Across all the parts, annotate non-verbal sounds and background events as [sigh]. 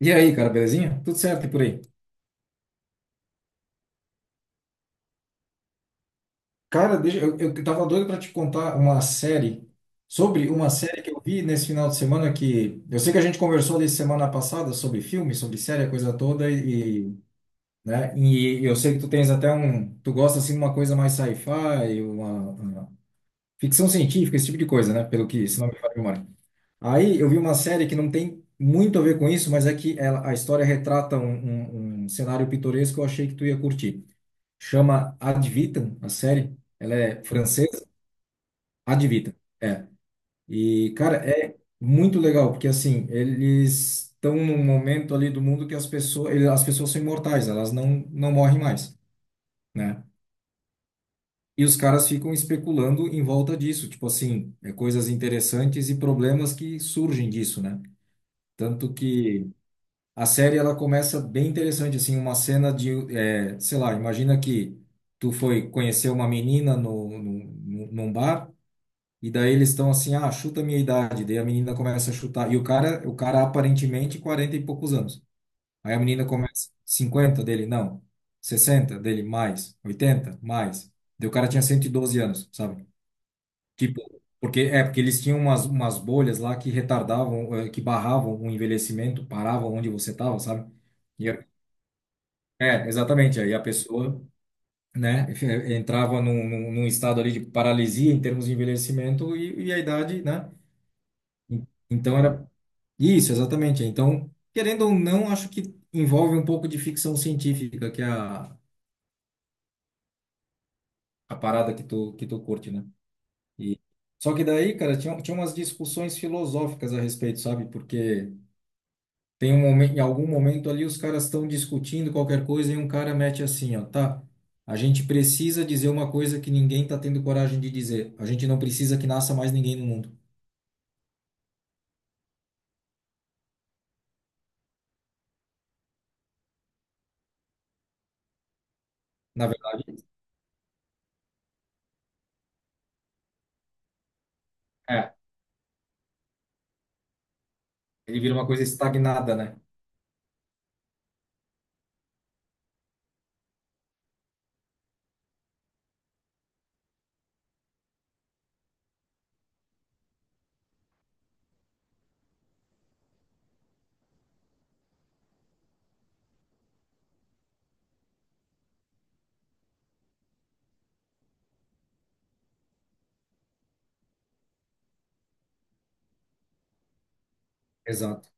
E aí, cara, belezinha? Tudo certo e por aí? Cara, deixa, eu tava doido pra te contar uma série sobre uma série que eu vi nesse final de semana que eu sei que a gente conversou ali semana passada sobre filme, sobre série, a coisa toda né? E eu sei que tu tens até um, tu gosta assim de uma coisa mais sci-fi, uma ficção científica, esse tipo de coisa, né? Pelo que, se não me falha a memória. Aí eu vi uma série que não tem muito a ver com isso, mas é que ela, a história retrata um cenário pitoresco que eu achei que tu ia curtir. Chama Ad Vitam, a série. Ela é francesa, Ad Vitam. É. E, cara, é muito legal, porque assim, eles estão num momento ali do mundo que as pessoas, as pessoas são imortais, elas não morrem mais, né? E os caras ficam especulando em volta disso, tipo assim, coisas interessantes e problemas que surgem disso, né? Tanto que a série ela começa bem interessante, assim, uma cena de, sei lá, imagina que tu foi conhecer uma menina num bar. E daí eles estão assim, ah, chuta a minha idade. Daí a menina começa a chutar. E o cara aparentemente 40 e poucos anos. Aí a menina começa, 50 dele, não. 60 dele, mais. 80 mais. Daí o cara tinha 112 anos, sabe? Tipo, porque eles tinham umas, umas bolhas lá que retardavam, que barravam o envelhecimento, paravam onde você estava, sabe? E a- é, exatamente. Aí a pessoa, né, [laughs] entrava num estado ali de paralisia em termos de envelhecimento e a idade, né? Então era isso, exatamente. Então, querendo ou não, acho que envolve um pouco de ficção científica, que é a parada que tu curte, né? E... Só que daí, cara, tinha umas discussões filosóficas a respeito, sabe? Porque tem um momento, em algum momento ali os caras estão discutindo qualquer coisa e um cara mete assim, ó, tá? A gente precisa dizer uma coisa que ninguém tá tendo coragem de dizer. A gente não precisa que nasça mais ninguém no mundo. Na verdade, é, ele vira uma coisa estagnada, né? Exato.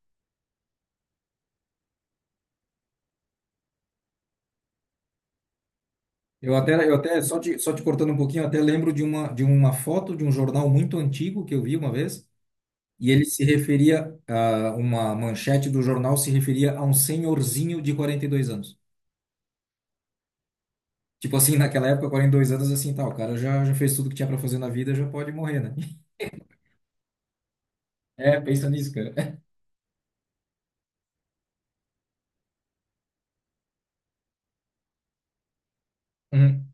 Eu até só te cortando um pouquinho, eu até lembro de uma foto de um jornal muito antigo que eu vi uma vez, e ele se referia a uma manchete do jornal se referia a um senhorzinho de 42 anos. Tipo assim, naquela época, 42 anos, assim, tá, o cara já fez tudo que tinha para fazer na vida, já pode morrer, né? [laughs] É, pensa nisso, cara. [laughs] Uhum.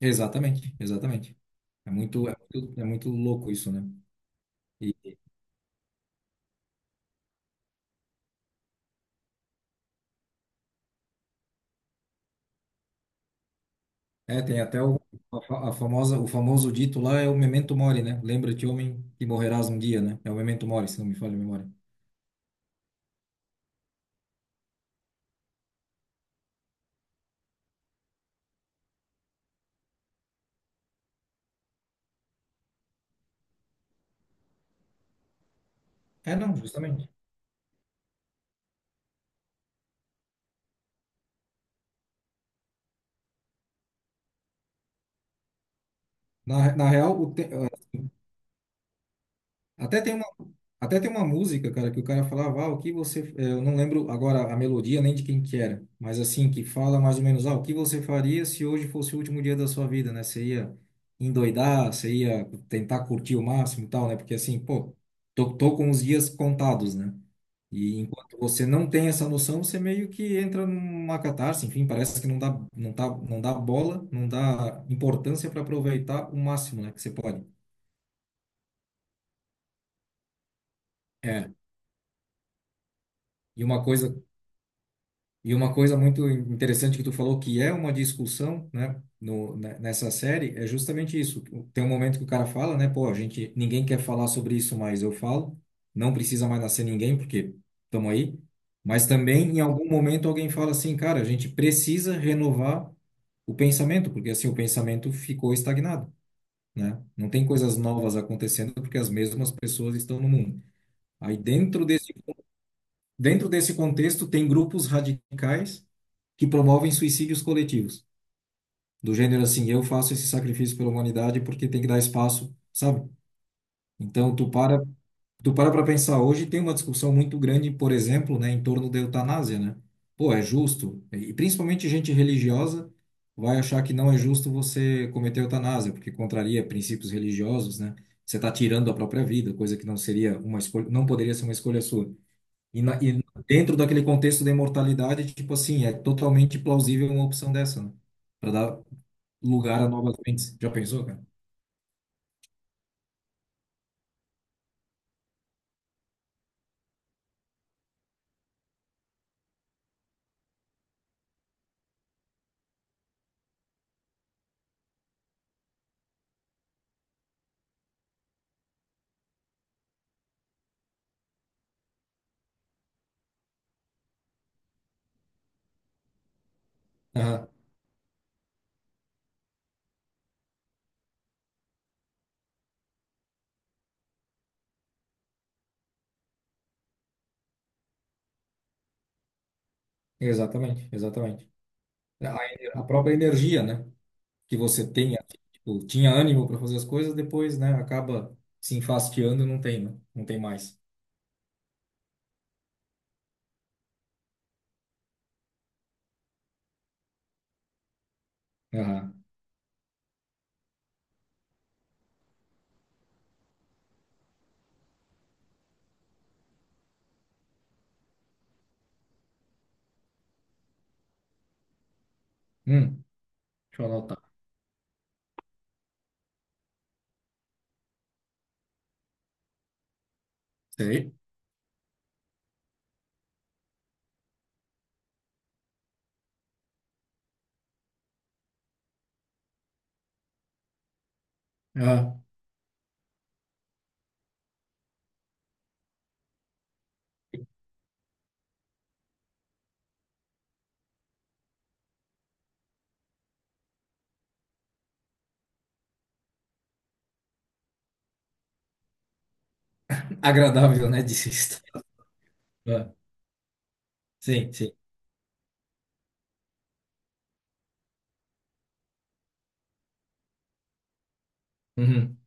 Exatamente, exatamente. É muito louco isso, né? É, tem até o, a, fa- a famosa, o famoso dito lá é o memento mori, né? Lembra-te, homem, que morrerás um dia, né? É o memento mori, se não me falha a memória. É, não, justamente. Na real, o te- eh, até tem uma, até tem uma música, cara, que o cara falava, ah, o que você... eu não lembro agora a melodia nem de quem que era, mas assim, que fala mais ou menos, ah, o que você faria se hoje fosse o último dia da sua vida, né? Você ia endoidar, você ia tentar curtir o máximo e tal, né? Porque assim, pô, tô com os dias contados, né? E enquanto você não tem essa noção, você meio que entra numa catarse, enfim, parece que não dá bola, não dá importância para aproveitar o máximo, né, que você pode. É. E uma coisa, e uma coisa muito interessante que tu falou que é uma discussão, né, no, ne- nessa série, é justamente isso. Tem um momento que o cara fala, né, pô, a gente, ninguém quer falar sobre isso, mas eu falo. Não precisa mais nascer ninguém, porque estamos aí. Mas também, em algum momento, alguém fala assim, cara, a gente precisa renovar o pensamento, porque assim o pensamento ficou estagnado, né? Não tem coisas novas acontecendo porque as mesmas pessoas estão no mundo. Aí dentro desse contexto tem grupos radicais que promovem suicídios coletivos, do gênero assim, eu faço esse sacrifício pela humanidade porque tem que dar espaço, sabe? Então tu para Tu para para pensar, hoje tem uma discussão muito grande, por exemplo, né, em torno da eutanásia, né? Pô, é justo? E principalmente gente religiosa vai achar que não é justo você cometer eutanásia, porque contraria princípios religiosos, né? Você está tirando a própria vida, coisa que não seria uma escolha, não poderia ser uma escolha sua. E dentro daquele contexto da imortalidade, tipo assim, é totalmente plausível uma opção dessa, né? Para dar lugar a novas mentes. Já pensou, cara? Aham, exatamente, exatamente. A própria energia, né? Que você tenha, tipo, tinha ânimo para fazer as coisas, depois, né, acaba se enfastiando e não tem, né? Não tem mais. Aham. Hum, deixa eu anotar. Sei. Ah, agradável, né, de Ah, sim, sim. Uhum.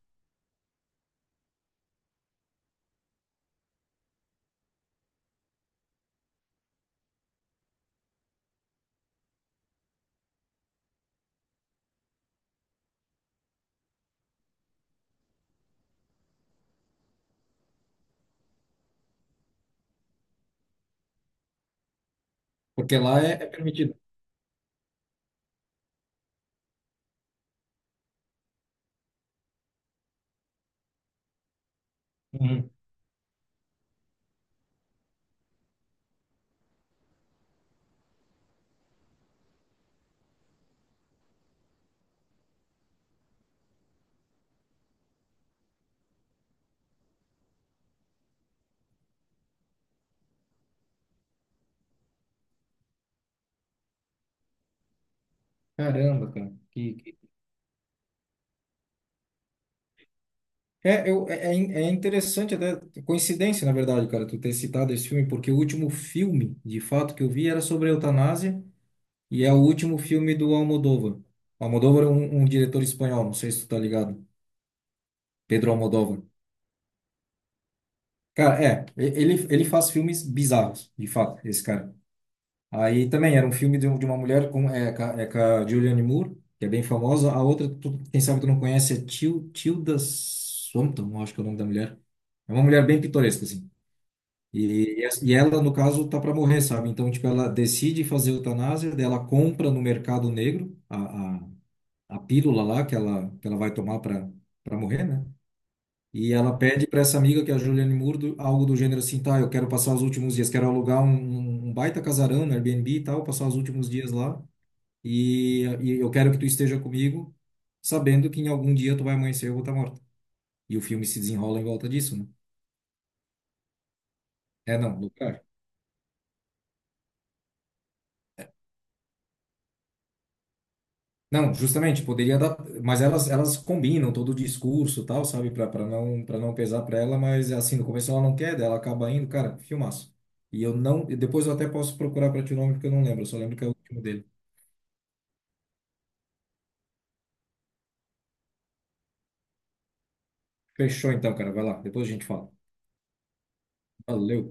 Porque lá é, é, permitido. Uhum. Caramba, cara. Que- É, eu, é, é in- é interessante até, coincidência, na verdade, cara, tu ter citado esse filme, porque o último filme, de fato, que eu vi era sobre eutanásia. E é o último filme do Almodóvar. O Almodóvar é um diretor espanhol, não sei se tu tá ligado. Pedro Almodóvar. Cara, é, ele faz filmes bizarros, de fato, esse cara. Aí também era um filme de, de uma mulher com, é, com a Julianne Moore, que é bem famosa. A outra, quem sabe tu não conhece, é Tilda Swinton, eu acho que é o nome da mulher. É uma mulher bem pitoresca, assim. E ela, no caso, tá para morrer, sabe? Então, tipo, ela decide fazer eutanásia, daí ela compra no mercado negro a pílula lá que ela vai tomar para morrer, né? E ela pede para essa amiga, que é a Juliane Moore, do- algo do gênero assim, tá, eu quero passar os últimos dias, quero alugar um baita casarão no Airbnb e tal, passar os últimos dias lá, e eu quero que tu esteja comigo, sabendo que em algum dia tu vai amanhecer e eu vou estar morta. E o filme se desenrola em volta disso, né? É, não, loucura. Não, justamente, poderia dar, mas elas combinam todo o discurso e tal, sabe, Pra pra não, para não pesar pra ela, mas assim, no começo ela não quer, daí ela acaba indo, cara, filmaço. E eu não, e depois eu até posso procurar pra ti o nome, porque eu não lembro, eu só lembro que é o último dele. Fechou então, cara, vai lá, depois a gente fala. Valeu.